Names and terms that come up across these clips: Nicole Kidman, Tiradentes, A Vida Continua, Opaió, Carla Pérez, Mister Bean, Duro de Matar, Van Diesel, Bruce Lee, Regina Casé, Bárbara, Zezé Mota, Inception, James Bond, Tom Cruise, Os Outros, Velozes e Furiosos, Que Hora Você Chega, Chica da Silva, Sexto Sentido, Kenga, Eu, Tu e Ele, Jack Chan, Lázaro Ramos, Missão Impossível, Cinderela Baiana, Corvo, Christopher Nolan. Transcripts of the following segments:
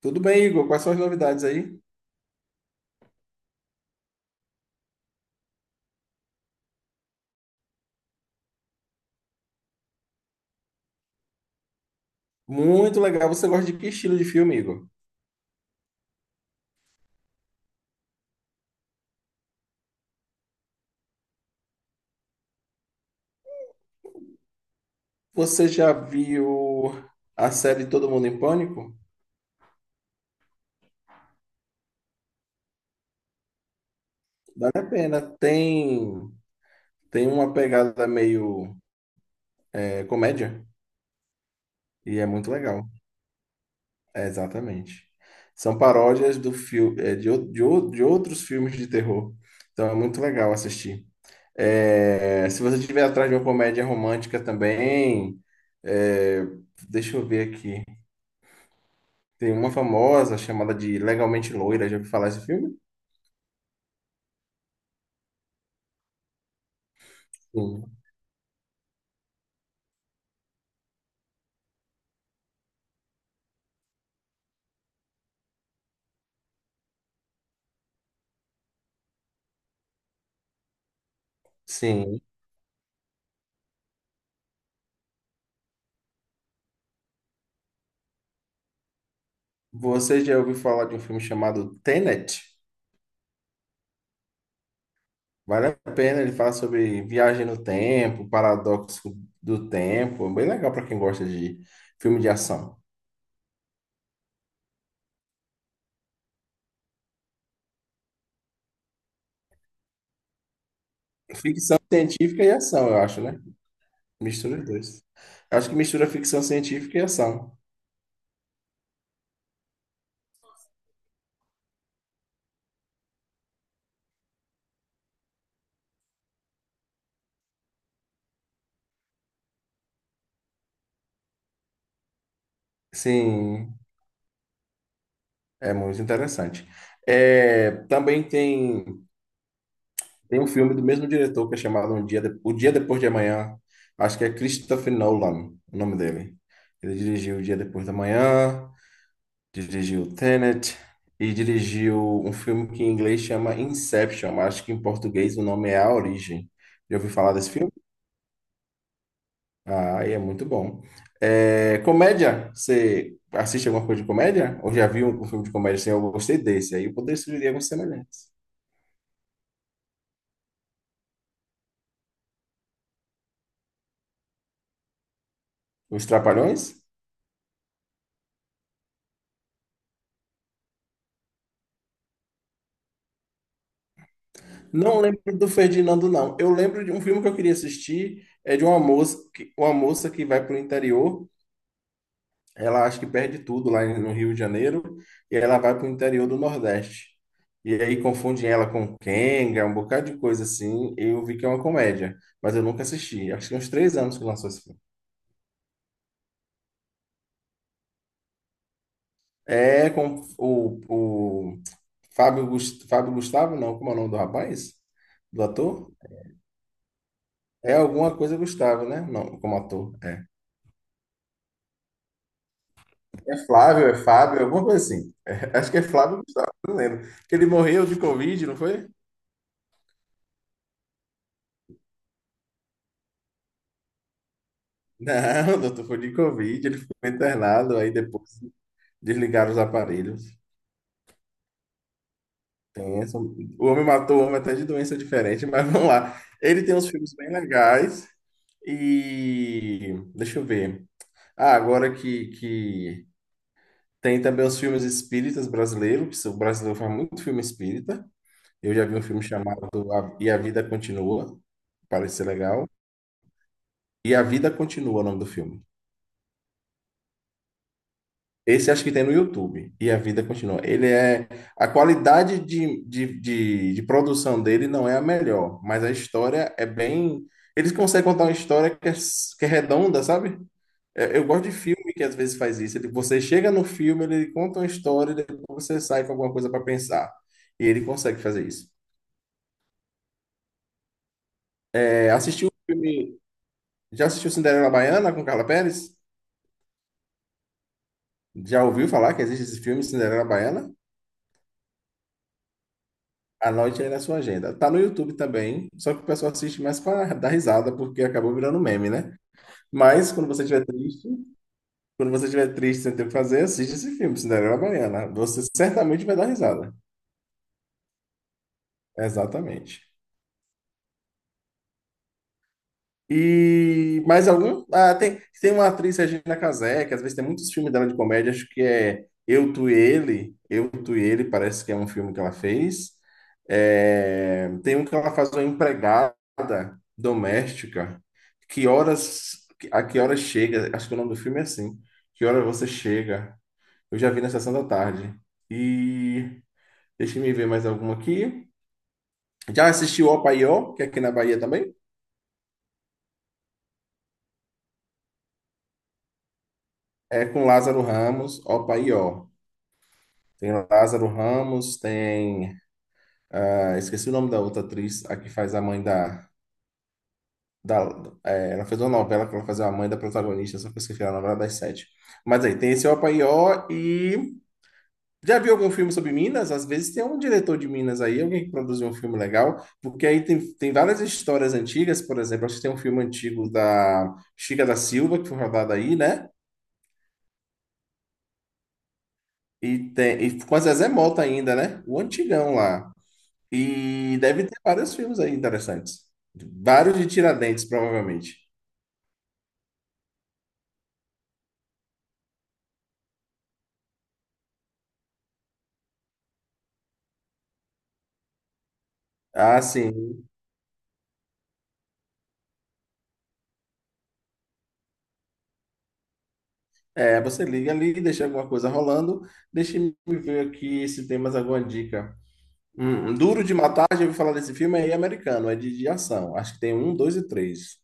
Tudo bem, Igor? Quais são as novidades aí? Muito legal. Você gosta de que estilo de filme, Igor? Você já viu a série Todo Mundo em Pânico? Vale a pena. Tem uma pegada meio comédia e é muito legal. É, exatamente. São paródias do fil, é de, o- de, o- de outros filmes de terror. Então é muito legal assistir. É, se você estiver atrás de uma comédia romântica também, é, deixa eu ver aqui. Tem uma famosa chamada de Legalmente Loira. Já ouviu falar desse filme? Sim. Sim. Você já ouviu falar de um filme chamado Tenet? Vale a pena. Ele fala sobre viagem no tempo, paradoxo do tempo. É bem legal para quem gosta de filme de ação. Ficção científica e ação, eu acho, né? Mistura os dois. Eu acho que mistura ficção científica e ação. Sim, é muito interessante. É, também tem um filme do mesmo diretor que é chamado O Dia Depois de Amanhã. Acho que é Christopher Nolan, o nome dele. Ele dirigiu O Dia Depois da Manhã, dirigiu Tenet e dirigiu um filme que em inglês chama Inception, mas acho que em português o nome é A Origem. Já ouviu falar desse filme? Ah, e é muito bom. É, comédia, você assiste alguma coisa de comédia? Ou já viu um filme de comédia assim? Eu gostei desse, aí eu poderia sugerir alguns semelhantes. Os Trapalhões? Não lembro do Ferdinando, não. Eu lembro de um filme que eu queria assistir, é de uma moça que vai para o interior, ela acha que perde tudo lá no Rio de Janeiro, e ela vai para o interior do Nordeste. E aí confundem ela com Kenga, um bocado de coisa assim. E eu vi que é uma comédia, mas eu nunca assisti. Acho que tem uns três anos que lançou esse filme. É com o Fábio Gustavo, não, como é o nome do rapaz? Do ator? É alguma coisa Gustavo, né? Não, como ator. É. É Flávio, é Fábio, alguma coisa assim. É, acho que é Flávio, não lembro. Que ele morreu de Covid, não foi? Não, doutor, foi de Covid. Ele ficou internado, aí depois desligaram os aparelhos. O homem matou o homem até de doença diferente, mas vamos lá. Ele tem uns filmes bem legais. E deixa eu ver. Ah, agora que tem também os filmes espíritas brasileiros, que o brasileiro faz muito filme espírita. Eu já vi um filme chamado E a Vida Continua, parece ser legal. E a Vida Continua, o nome do filme. Esse acho que tem no YouTube. E a Vida Continua. Ele é. A qualidade de produção dele não é a melhor, mas a história é bem. Eles conseguem contar uma história que é redonda, sabe? É, eu gosto de filme que às vezes faz isso. Ele, você chega no filme, ele conta uma história, e depois você sai com alguma coisa para pensar. E ele consegue fazer isso. É, assistiu o filme. Já assistiu Cinderela Baiana com Carla Pérez? Já ouviu falar que existe esse filme, Cinderela Baiana? Anote aí na sua agenda. Tá no YouTube também, só que o pessoal assiste mais para dar risada, porque acabou virando meme, né? Mas quando você estiver triste, sem ter o que fazer, assiste esse filme, Cinderela Baiana. Você certamente vai dar risada. Exatamente. E mais algum? Ah, tem uma atriz, Regina Casé, que às vezes tem muitos filmes dela de comédia, acho que é Eu, Tu e Ele. Eu, Tu e Ele parece que é um filme que ela fez. É, tem um que ela faz uma empregada doméstica. A que horas chega? Acho que o nome do filme é assim. Que hora você chega? Eu já vi na sessão da tarde. E deixa eu ver mais alguma aqui. Já assisti o Opaió, que é aqui na Bahia também? É com Lázaro Ramos, Opaió. Tem Lázaro Ramos, tem. Ah, esqueci o nome da outra atriz, a que faz a mãe da. É, ela fez uma novela que ela fazia a mãe da protagonista, só que eu esqueci a novela das sete. Mas aí, tem esse Opaió e. Já viu algum filme sobre Minas? Às vezes tem um diretor de Minas aí, alguém que produziu um filme legal, porque aí tem várias histórias antigas, por exemplo, acho que tem um filme antigo da Chica da Silva, que foi rodado aí, né? E, tem, e com a Zezé Mota ainda, né? O antigão lá. E deve ter vários filmes aí interessantes. Vários de Tiradentes, provavelmente. Ah, sim. É, você liga ali, deixa alguma coisa rolando. Deixa eu ver aqui se tem mais alguma dica. Duro de Matar, já ouvi falar desse filme, é americano, é de ação. Acho que tem um, dois e três.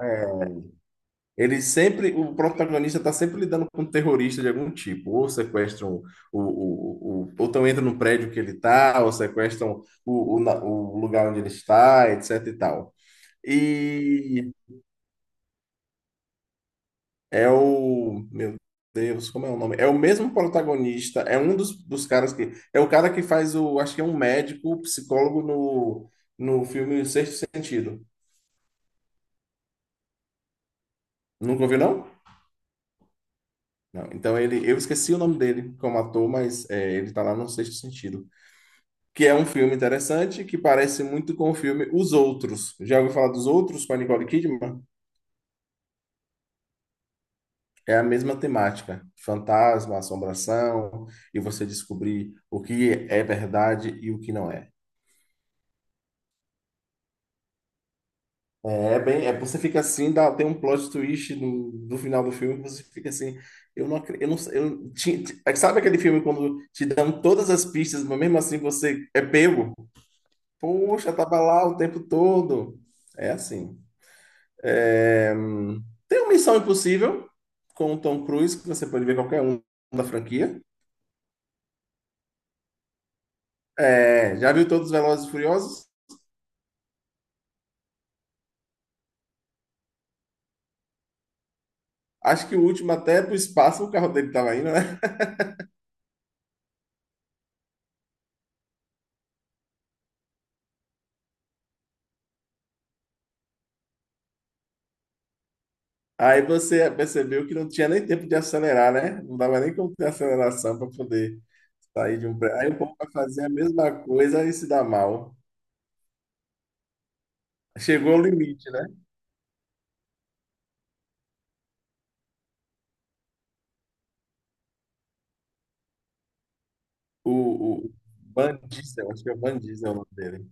É, ele sempre, o protagonista está sempre lidando com um terrorista de algum tipo. Ou sequestram, o, ou então entra no prédio que ele está, ou sequestram o lugar onde ele está, etc e tal. E é o. Meu Deus, como é o nome? É o mesmo protagonista, é um dos caras que. É o cara que faz o. Acho que é um médico, psicólogo no filme Sexto Sentido. Nunca ouviu, não? Não. Então ele. Eu esqueci o nome dele como ator, mas é, ele tá lá no Sexto Sentido. Que é um filme interessante que parece muito com o filme Os Outros. Já ouviu falar dos Outros com a Nicole Kidman? É a mesma temática, fantasma, assombração, e você descobrir o que é verdade e o que não é. É bem, é, você fica assim, dá, tem um plot twist no final do filme, você fica assim, eu não acredito, eu não, sei, eu, ti- ti- é que sabe aquele filme quando te dão todas as pistas, mas mesmo assim você é pego? Poxa, tava lá o tempo todo. É assim. É, tem uma Missão Impossível com o Tom Cruise, que você pode ver qualquer um da franquia. É, já viu todos os Velozes e Furiosos? Acho que o último até é pro espaço o carro dele tava indo, né? Aí você percebeu que não tinha nem tempo de acelerar, né? Não dava nem como ter aceleração para poder sair de um prédio. Aí o povo vai fazer a mesma coisa e se dá mal. Chegou ao limite, né? O, o Van Diesel, acho que é Van Diesel o nome dele.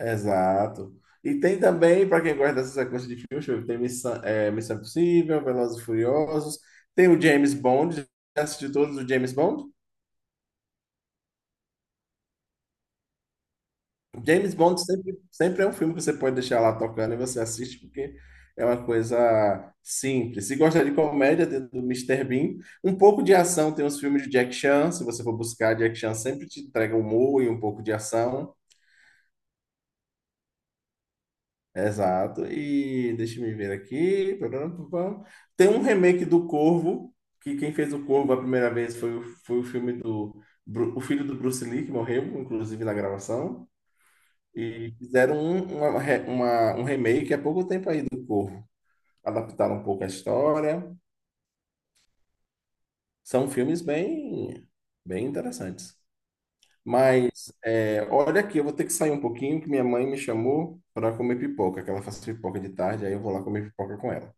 Exato. E tem também, para quem gosta dessa sequência de filmes, deixa eu ver, tem Missão Impossível, Velozes e Furiosos, tem o James Bond. Já assistiu todos os James Bond? James Bond sempre, sempre é um filme que você pode deixar lá tocando e você assiste, porque é uma coisa simples. Se gosta de comédia, tem do Mister Bean. Um pouco de ação, tem os filmes de Jack Chan. Se você for buscar, Jack Chan sempre te entrega um humor e um pouco de ação. Exato. E deixa eu me ver aqui. Tem um remake do Corvo, que quem fez o Corvo a primeira vez foi, foi o filme do o filho do Bruce Lee, que morreu, inclusive, na gravação. E fizeram um remake há pouco tempo aí do Corvo. Adaptaram um pouco a história. São filmes bem interessantes. Mas, é, olha aqui, eu vou ter que sair um pouquinho, que minha mãe me chamou para comer pipoca, que ela faz pipoca de tarde, aí eu vou lá comer pipoca com ela.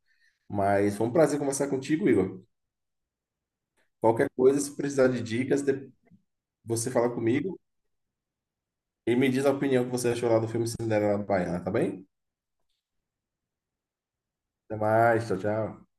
Mas foi um prazer conversar contigo, Igor. Qualquer coisa, se precisar de dicas, de- você fala comigo e me diz a opinião que você achou lá do filme Cinderela Baiana, tá bem? Até mais, tchau, tchau.